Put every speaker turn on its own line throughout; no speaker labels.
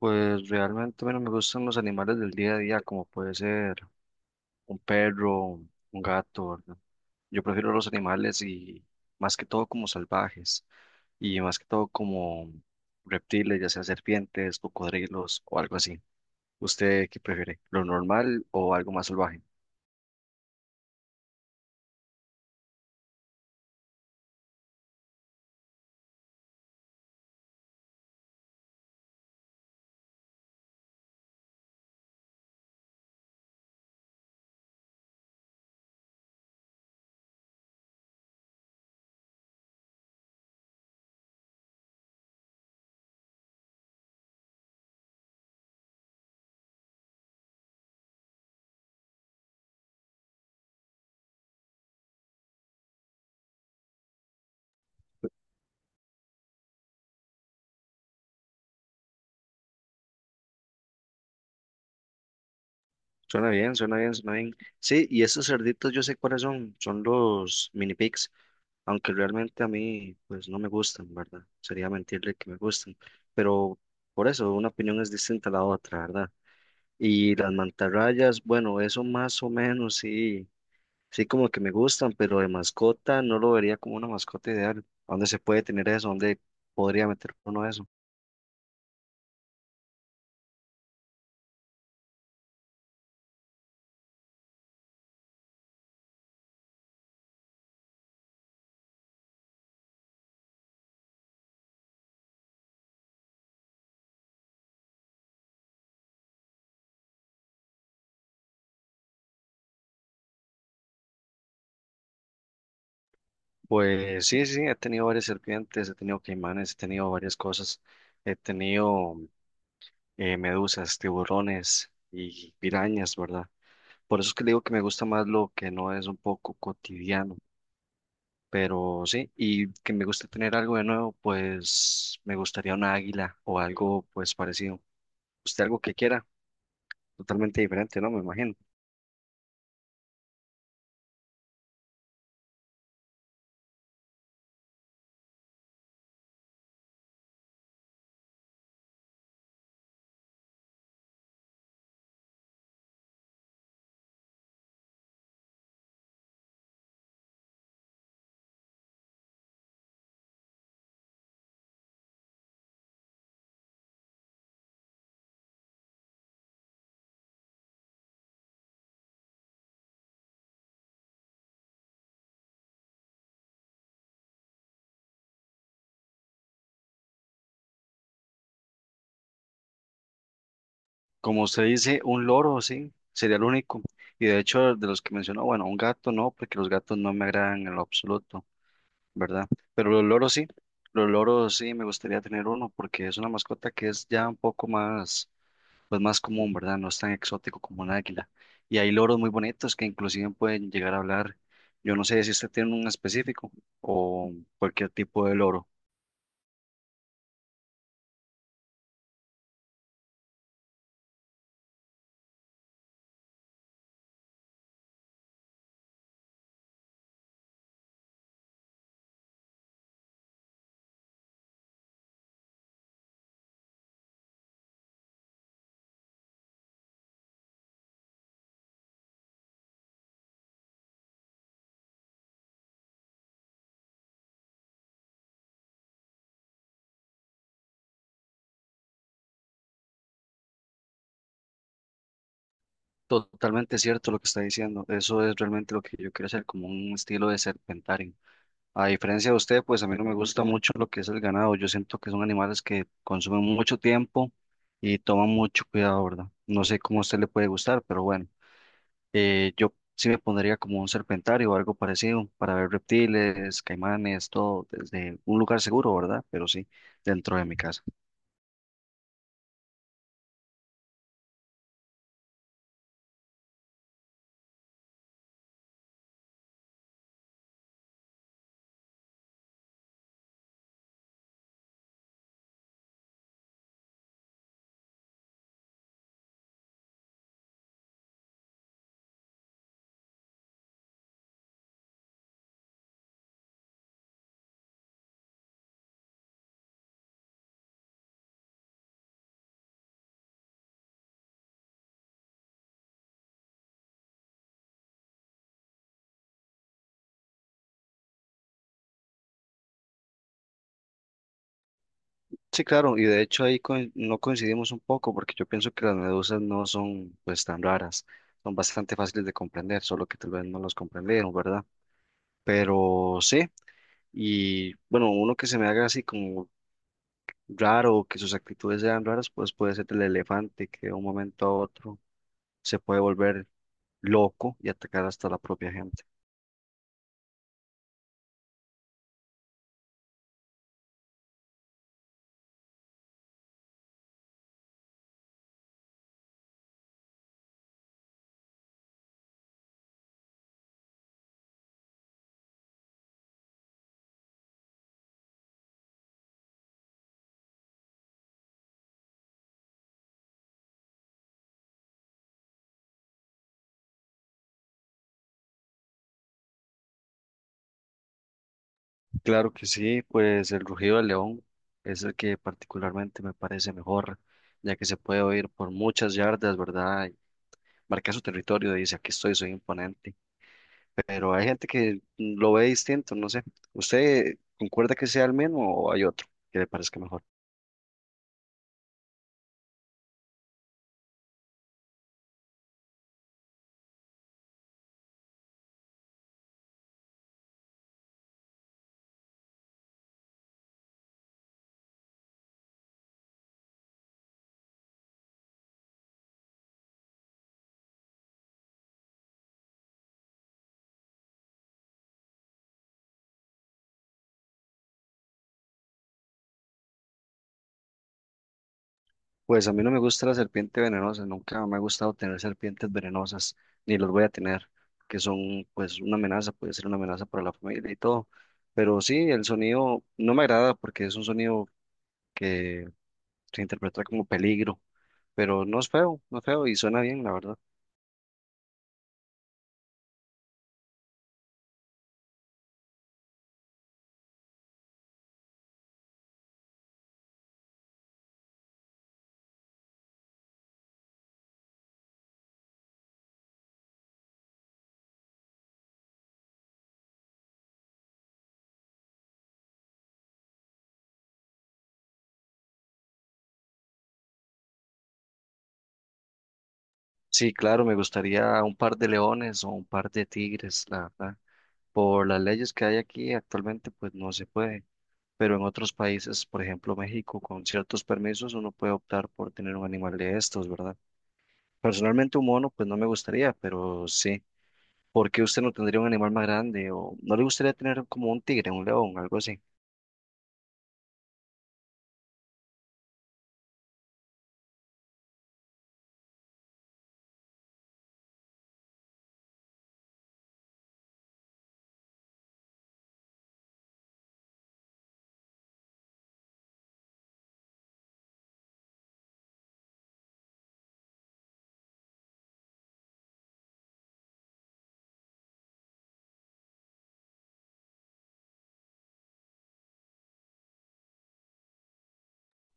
Pues realmente, bueno, me gustan los animales del día a día, como puede ser un perro, un gato, ¿verdad? Yo prefiero los animales y más que todo como salvajes y más que todo como reptiles, ya sea serpientes, cocodrilos o algo así. ¿Usted qué prefiere? ¿Lo normal o algo más salvaje? Suena bien, suena bien, suena bien. Sí, y estos cerditos yo sé cuáles son, son los mini pigs. Aunque realmente a mí pues no me gustan, ¿verdad? Sería mentirle que me gustan, pero por eso una opinión es distinta a la otra, ¿verdad? Y las mantarrayas, bueno, eso más o menos sí, sí como que me gustan, pero de mascota no lo vería como una mascota ideal. ¿Dónde se puede tener eso? ¿Dónde podría meter uno eso? Pues sí, sí, he tenido varias serpientes, he tenido caimanes, he tenido varias cosas, he tenido medusas, tiburones y pirañas, ¿verdad? Por eso es que le digo que me gusta más lo que no es un poco cotidiano, pero sí, y que me gusta tener algo de nuevo, pues me gustaría una águila o algo pues parecido. Usted algo que quiera, totalmente diferente, ¿no? Me imagino. Como usted dice, un loro, sí, sería el único. Y de hecho, de los que mencionó, bueno, un gato no, porque los gatos no me agradan en lo absoluto, ¿verdad? Pero los loros sí, me gustaría tener uno, porque es una mascota que es ya un poco más pues más común, ¿verdad? No es tan exótico como el águila. Y hay loros muy bonitos que inclusive pueden llegar a hablar. Yo no sé si usted tiene un específico o cualquier tipo de loro. Totalmente cierto lo que está diciendo. Eso es realmente lo que yo quiero hacer, como un estilo de serpentario. A diferencia de usted, pues a mí no me gusta mucho lo que es el ganado. Yo siento que son animales que consumen mucho tiempo y toman mucho cuidado, ¿verdad? No sé cómo a usted le puede gustar, pero bueno. Yo sí me pondría como un serpentario o algo parecido para ver reptiles, caimanes, todo desde un lugar seguro, ¿verdad? Pero sí, dentro de mi casa. Sí, claro, y de hecho ahí no coincidimos un poco porque yo pienso que las medusas no son pues tan raras, son bastante fáciles de comprender, solo que tal vez no los comprendieron, ¿verdad? Pero sí, y bueno, uno que se me haga así como raro, que sus actitudes sean raras, pues puede ser el elefante que de un momento a otro se puede volver loco y atacar hasta la propia gente. Claro que sí, pues el rugido del león es el que particularmente me parece mejor, ya que se puede oír por muchas yardas, ¿verdad? Y marca su territorio y dice, aquí estoy, soy imponente. Pero hay gente que lo ve distinto, no sé. ¿Usted concuerda que sea el mismo o hay otro que le parezca mejor? Pues a mí no me gusta la serpiente venenosa, nunca me ha gustado tener serpientes venenosas, ni los voy a tener, que son pues una amenaza, puede ser una amenaza para la familia y todo. Pero sí, el sonido no me agrada porque es un sonido que se interpreta como peligro, pero no es feo, no es feo y suena bien, la verdad. Sí, claro, me gustaría un par de leones o un par de tigres, la verdad. Por las leyes que hay aquí actualmente, pues no se puede. Pero en otros países, por ejemplo México, con ciertos permisos uno puede optar por tener un animal de estos, ¿verdad? Personalmente un mono, pues no me gustaría, pero sí. ¿Por qué usted no tendría un animal más grande o no le gustaría tener como un tigre, un león, algo así?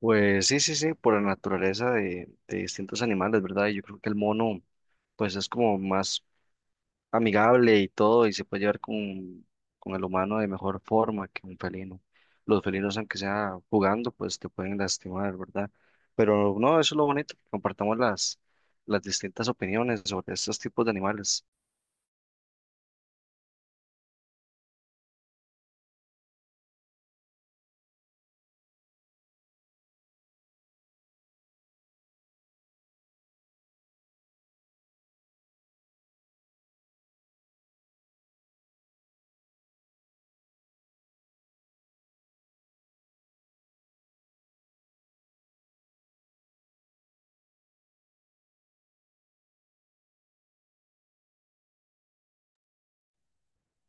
Pues sí, sí, sí, por la naturaleza de distintos animales, ¿verdad? Yo creo que el mono, pues es como más amigable y todo y se puede llevar con el humano de mejor forma que un felino. Los felinos, aunque sea jugando, pues te pueden lastimar, ¿verdad? Pero no, eso es lo bonito, que compartamos las distintas opiniones sobre estos tipos de animales.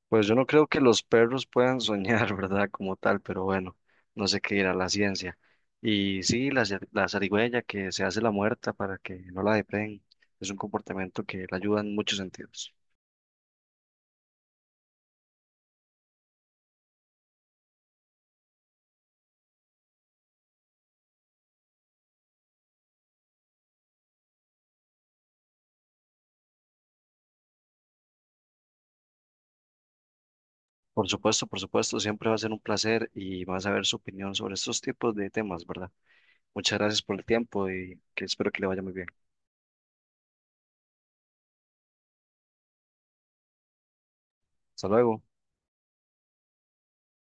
Pues yo no creo que los perros puedan soñar, ¿verdad? Como tal, pero bueno, no sé qué dirá la ciencia. Y sí, la zarigüeya que se hace la muerta para que no la depreen, es un comportamiento que la ayuda en muchos sentidos. Por supuesto, siempre va a ser un placer y vas a ver su opinión sobre estos tipos de temas, ¿verdad? Muchas gracias por el tiempo y que espero que le vaya muy bien. Hasta luego.